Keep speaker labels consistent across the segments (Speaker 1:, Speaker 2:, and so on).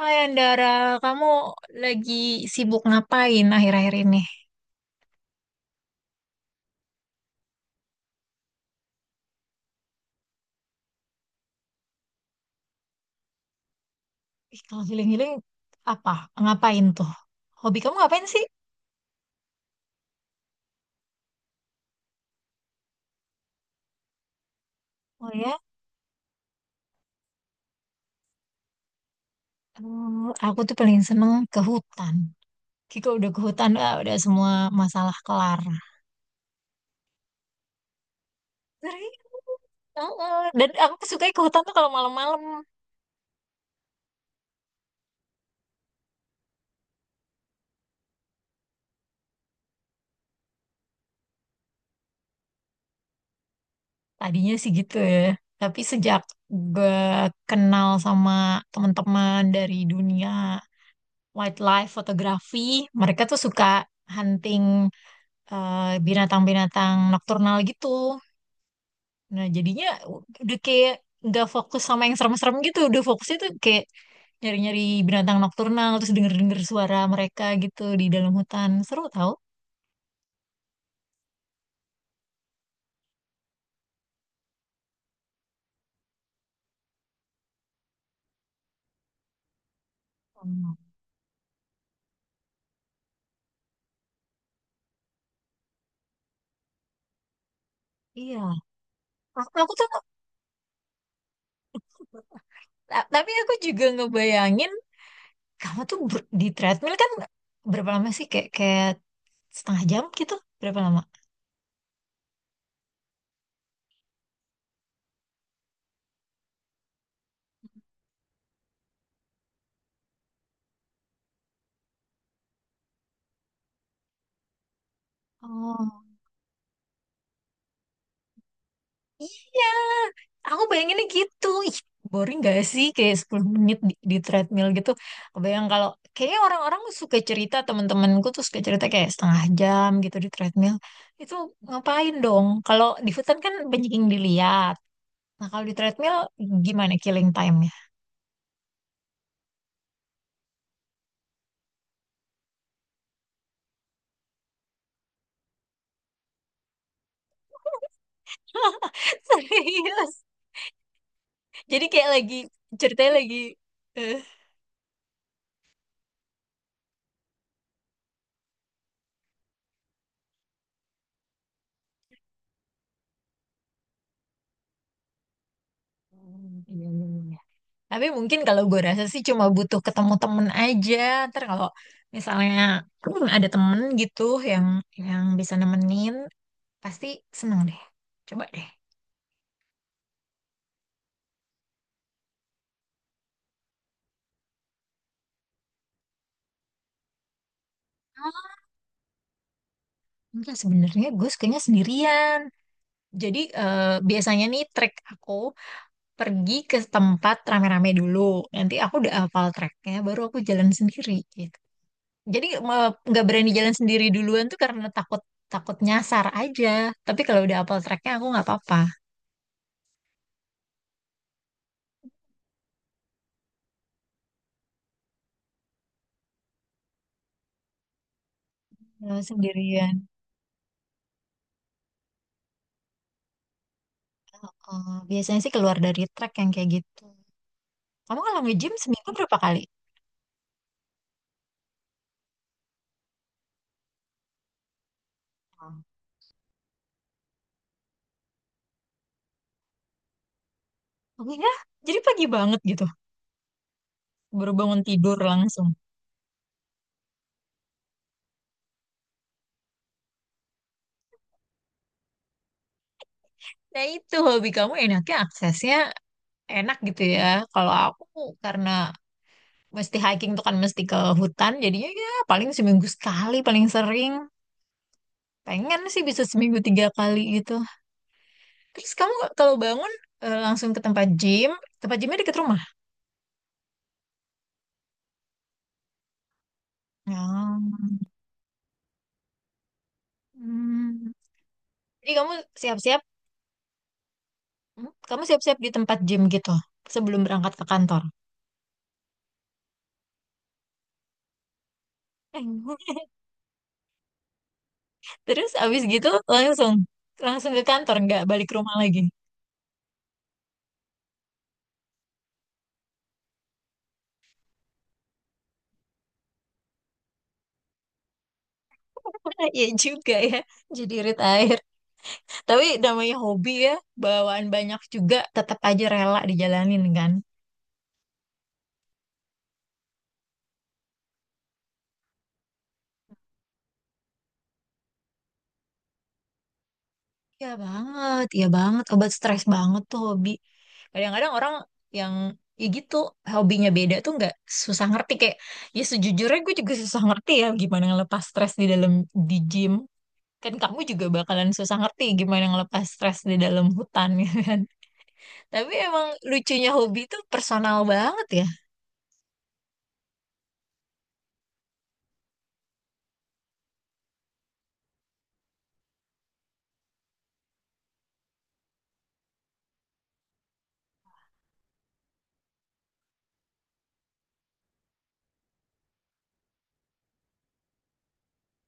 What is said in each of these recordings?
Speaker 1: Hai Andara, kamu lagi sibuk ngapain akhir-akhir ini? Ih, kalau healing-healing apa? Ngapain tuh? Hobi kamu ngapain sih? Oh ya. Aku tuh paling seneng ke hutan. Kayak kalau udah ke hutan, ah, udah semua masalah kelar. Serius? Heeh. Dan aku suka ke hutan tuh kalau malam-malam. Tadinya sih gitu ya. Tapi sejak gue kenal sama teman-teman dari dunia wildlife fotografi, mereka tuh suka hunting, eh, binatang-binatang nokturnal gitu. Nah, jadinya udah kayak nggak fokus sama yang serem-serem gitu. Udah fokusnya tuh kayak nyari-nyari binatang nokturnal, terus denger-denger suara mereka gitu di dalam hutan. Seru tau. Hmm, iya. Aku tuh, tapi aku juga ngebayangin, kamu tuh di treadmill kan berapa lama sih? Kayak setengah jam gitu? Berapa lama? Oh. Iya, aku bayanginnya gitu. Ih, boring gak sih kayak 10 menit di treadmill gitu. Kebayang kalau kayaknya orang-orang suka cerita, teman-temanku tuh suka cerita kayak setengah jam gitu di treadmill. Itu ngapain dong? Kalau di hutan kan banyak yang dilihat. Nah, kalau di treadmill gimana killing time-nya? Serius. Jadi kayak lagi ceritanya lagi. eh, Tapi mungkin kalau gue rasa sih cuma butuh ketemu temen aja. Ntar kalau misalnya ada temen gitu yang yang bisa nemenin, pasti seneng deh. Coba deh. Oh, enggak, sebenarnya gue sukanya sendirian. Jadi biasanya nih trek aku pergi ke tempat rame-rame dulu. Nanti aku udah hafal treknya, baru aku jalan sendiri gitu. Jadi nggak berani jalan sendiri duluan tuh karena takut takut nyasar aja. Tapi kalau udah hafal treknya aku nggak apa-apa. Eh, sendirian. Eh, biasanya sih keluar dari track yang kayak gitu. Kamu kalau nge-gym seminggu berapa kali? Hmm. Aku ya, jadi pagi banget gitu. Baru bangun tidur langsung. Nah itu hobi kamu enaknya aksesnya enak gitu ya. Kalau aku karena mesti hiking tuh kan mesti ke hutan. Jadinya ya paling seminggu sekali paling sering. Pengen sih bisa seminggu tiga kali gitu. Terus kamu kalau bangun langsung ke tempat gym. Tempat gymnya deket rumah. Ya. Hmm. Jadi kamu siap-siap. Kamu siap-siap di tempat gym gitu sebelum berangkat ke kantor. Terus abis gitu langsung langsung ke kantor nggak balik ke rumah lagi. Ya juga ya, jadi irit air. Tapi namanya hobi ya, bawaan banyak juga tetap aja rela dijalanin kan. Iya banget, iya banget. Obat stres banget tuh hobi. Kadang-kadang orang yang ya gitu hobinya beda tuh nggak susah ngerti kayak ya sejujurnya gue juga susah ngerti ya gimana ngelepas stres di dalam di gym. Kan kamu juga bakalan susah ngerti gimana ngelepas stres di dalam hutan gitu kan. Tapi emang lucunya hobi itu personal banget ya.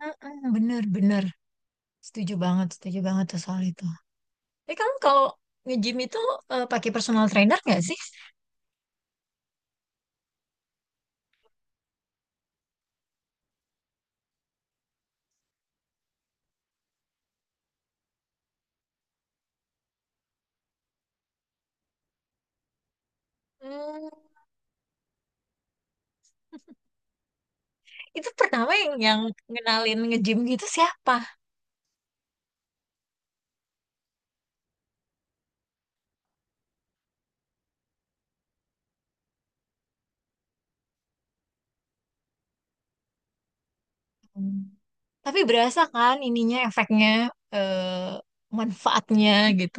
Speaker 1: Mm-mm, bener-bener. Setuju banget tuh soal itu. Tapi kamu kalau nge-gym itu pakai personal trainer nggak sih? Hmm, itu pertama yang ngenalin nge-gym gitu siapa? Hmm. Tapi berasa kan ininya efeknya eh manfaatnya gitu.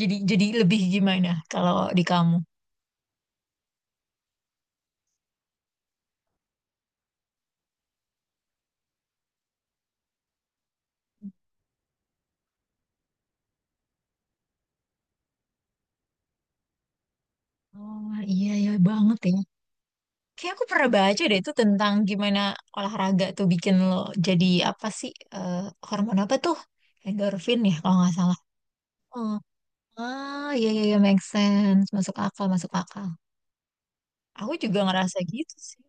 Speaker 1: Jadi lebih gimana kalau di kamu? Oh iya ya banget ya. Kayak aku pernah baca deh itu tentang gimana olahraga tuh bikin lo jadi apa sih hormon apa tuh endorfin ya kalau nggak salah. Oh, ah, iya, iya, iya, make sense, masuk akal, masuk akal. Aku juga ngerasa gitu sih.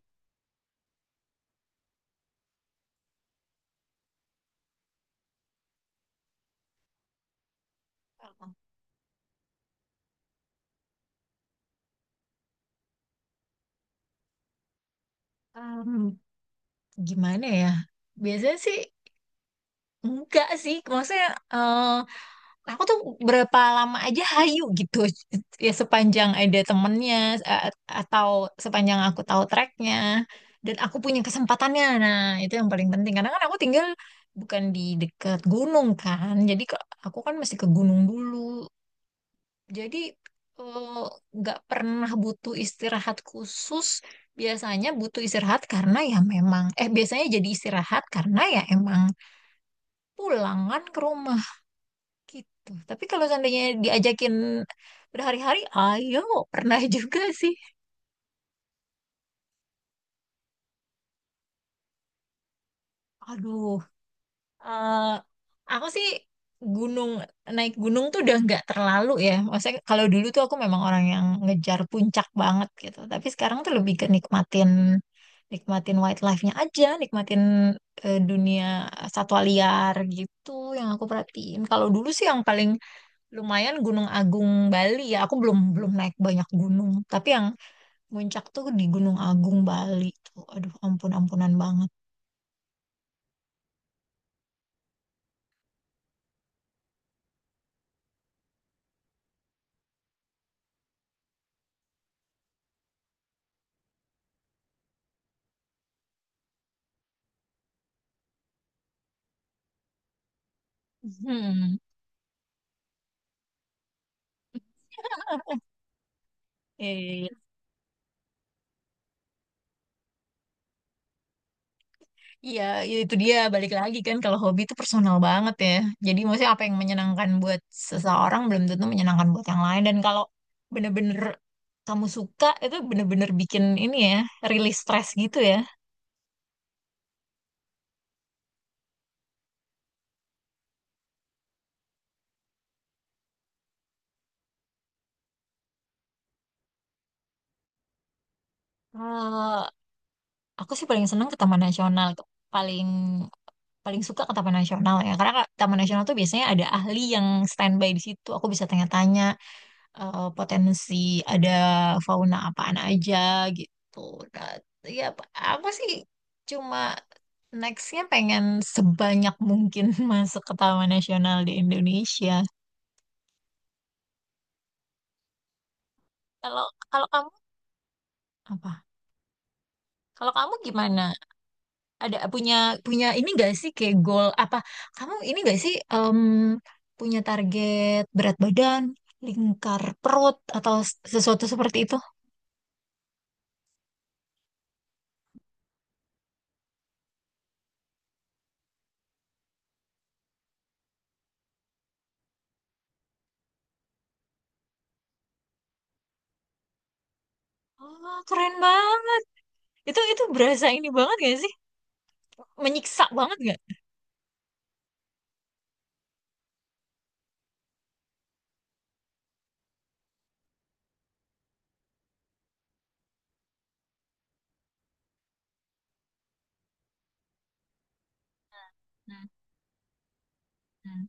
Speaker 1: Um, Gimana ya? Biasanya sih enggak sih. Maksudnya eh, aku tuh berapa lama aja hayu gitu ya sepanjang ada temennya a- atau sepanjang aku tahu tracknya dan aku punya kesempatannya nah itu yang paling penting karena kan aku tinggal bukan di dekat gunung kan jadi aku kan mesti ke gunung dulu jadi eh, nggak pernah butuh istirahat khusus biasanya butuh istirahat karena ya memang biasanya jadi istirahat karena ya emang pulangan ke rumah gitu. Tapi kalau seandainya diajakin berhari-hari, ayo, pernah juga sih. Aduh, eh, aku sih gunung, naik gunung tuh udah nggak terlalu ya. Maksudnya kalau dulu tuh aku memang orang yang ngejar puncak banget gitu. Tapi sekarang tuh lebih ke nikmatin, nikmatin wildlife-nya aja, nikmatin dunia satwa liar gitu yang aku perhatiin. Kalau dulu sih yang paling lumayan Gunung Agung Bali ya, aku belum belum naik banyak gunung. Tapi yang Puncak tuh di Gunung Agung, Bali tuh. Aduh, ampun-ampunan banget. Hmm. eh, iya, iya, itu dia balik lagi kan kalau hobi itu personal banget ya. Jadi maksudnya apa yang menyenangkan buat seseorang belum tentu menyenangkan buat yang lain. Dan kalau bener-bener kamu suka itu bener-bener bikin ini ya, rilis stres gitu ya. Eh, aku sih paling seneng ke Taman Nasional, tuh. Paling paling suka ke Taman Nasional ya. Karena Taman Nasional tuh biasanya ada ahli yang standby di situ. Aku bisa tanya-tanya potensi ada fauna apaan aja gitu. Nah, ya apa apa sih cuma nextnya pengen sebanyak mungkin masuk ke Taman Nasional di Indonesia. Kalau kalau kamu apa? Kalau kamu gimana? Ada punya punya ini gak sih kayak goal apa? Kamu ini gak sih punya target berat badan, lingkar perut atau sesuatu seperti itu? Oh, keren banget. Itu berasa ini banget gak sih? Menyiksa banget. Mhm.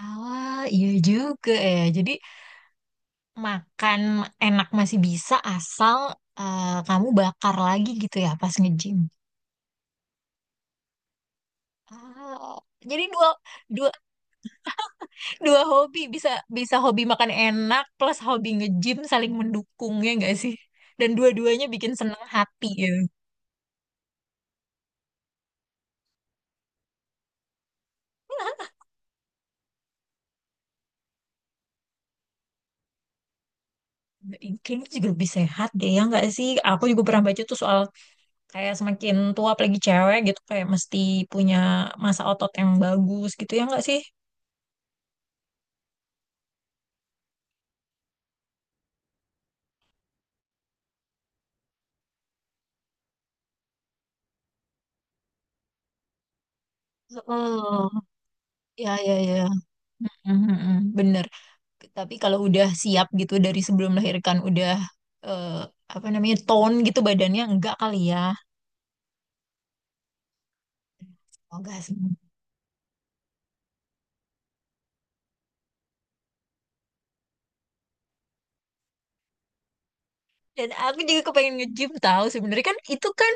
Speaker 1: Ah, iya juga ya. Jadi makan enak masih bisa asal kamu bakar lagi gitu ya pas nge-gym. Ah, jadi dua dua dua hobi bisa bisa hobi makan enak plus hobi nge-gym saling mendukungnya nggak sih? Dan dua-duanya bikin seneng hati ya. Kayaknya juga lebih sehat deh ya nggak sih? Aku juga pernah baca tuh soal kayak semakin tua apalagi cewek gitu kayak mesti punya masa otot yang bagus gitu ya nggak sih? Oh, ya, ya, ya. Mhm, mhm, bener. Tapi kalau udah siap gitu dari sebelum melahirkan udah eh, apa namanya tone gitu badannya enggak kali ya. Oh, enggak sih. Dan aku juga kepengen nge-gym tahu sebenarnya kan itu kan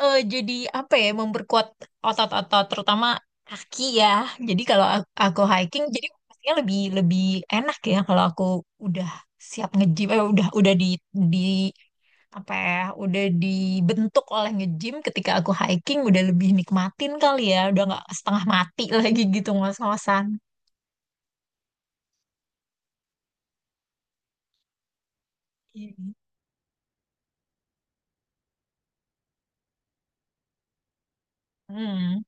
Speaker 1: jadi apa ya memperkuat otot-otot terutama kaki ya. Jadi kalau aku hiking jadi pastinya lebih lebih enak ya kalau aku udah siap nge-gym udah di apa ya udah dibentuk oleh nge-gym ketika aku hiking udah lebih nikmatin kali ya udah nggak setengah mati lagi gitu ngos-ngosan. Iya. Hmm,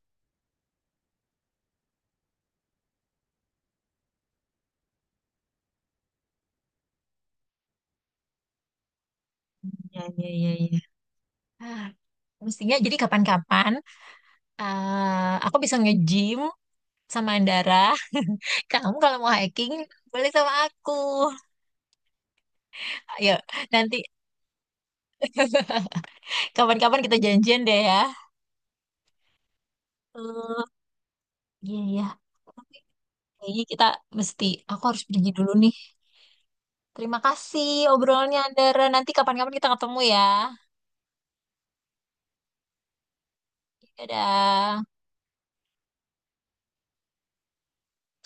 Speaker 1: ya, ya, ya, ya. Ah, mestinya jadi kapan-kapan. Ah, aku bisa nge-gym sama Andara. Kamu kalau mau hiking, boleh sama aku. Ayo, nanti kapan-kapan kita janjian deh ya. Eh, iya, iya. Tapi kayaknya kita mesti, aku harus pergi dulu nih. Terima kasih obrolannya Andara. Nanti kapan-kapan kita ketemu ya. Dadah.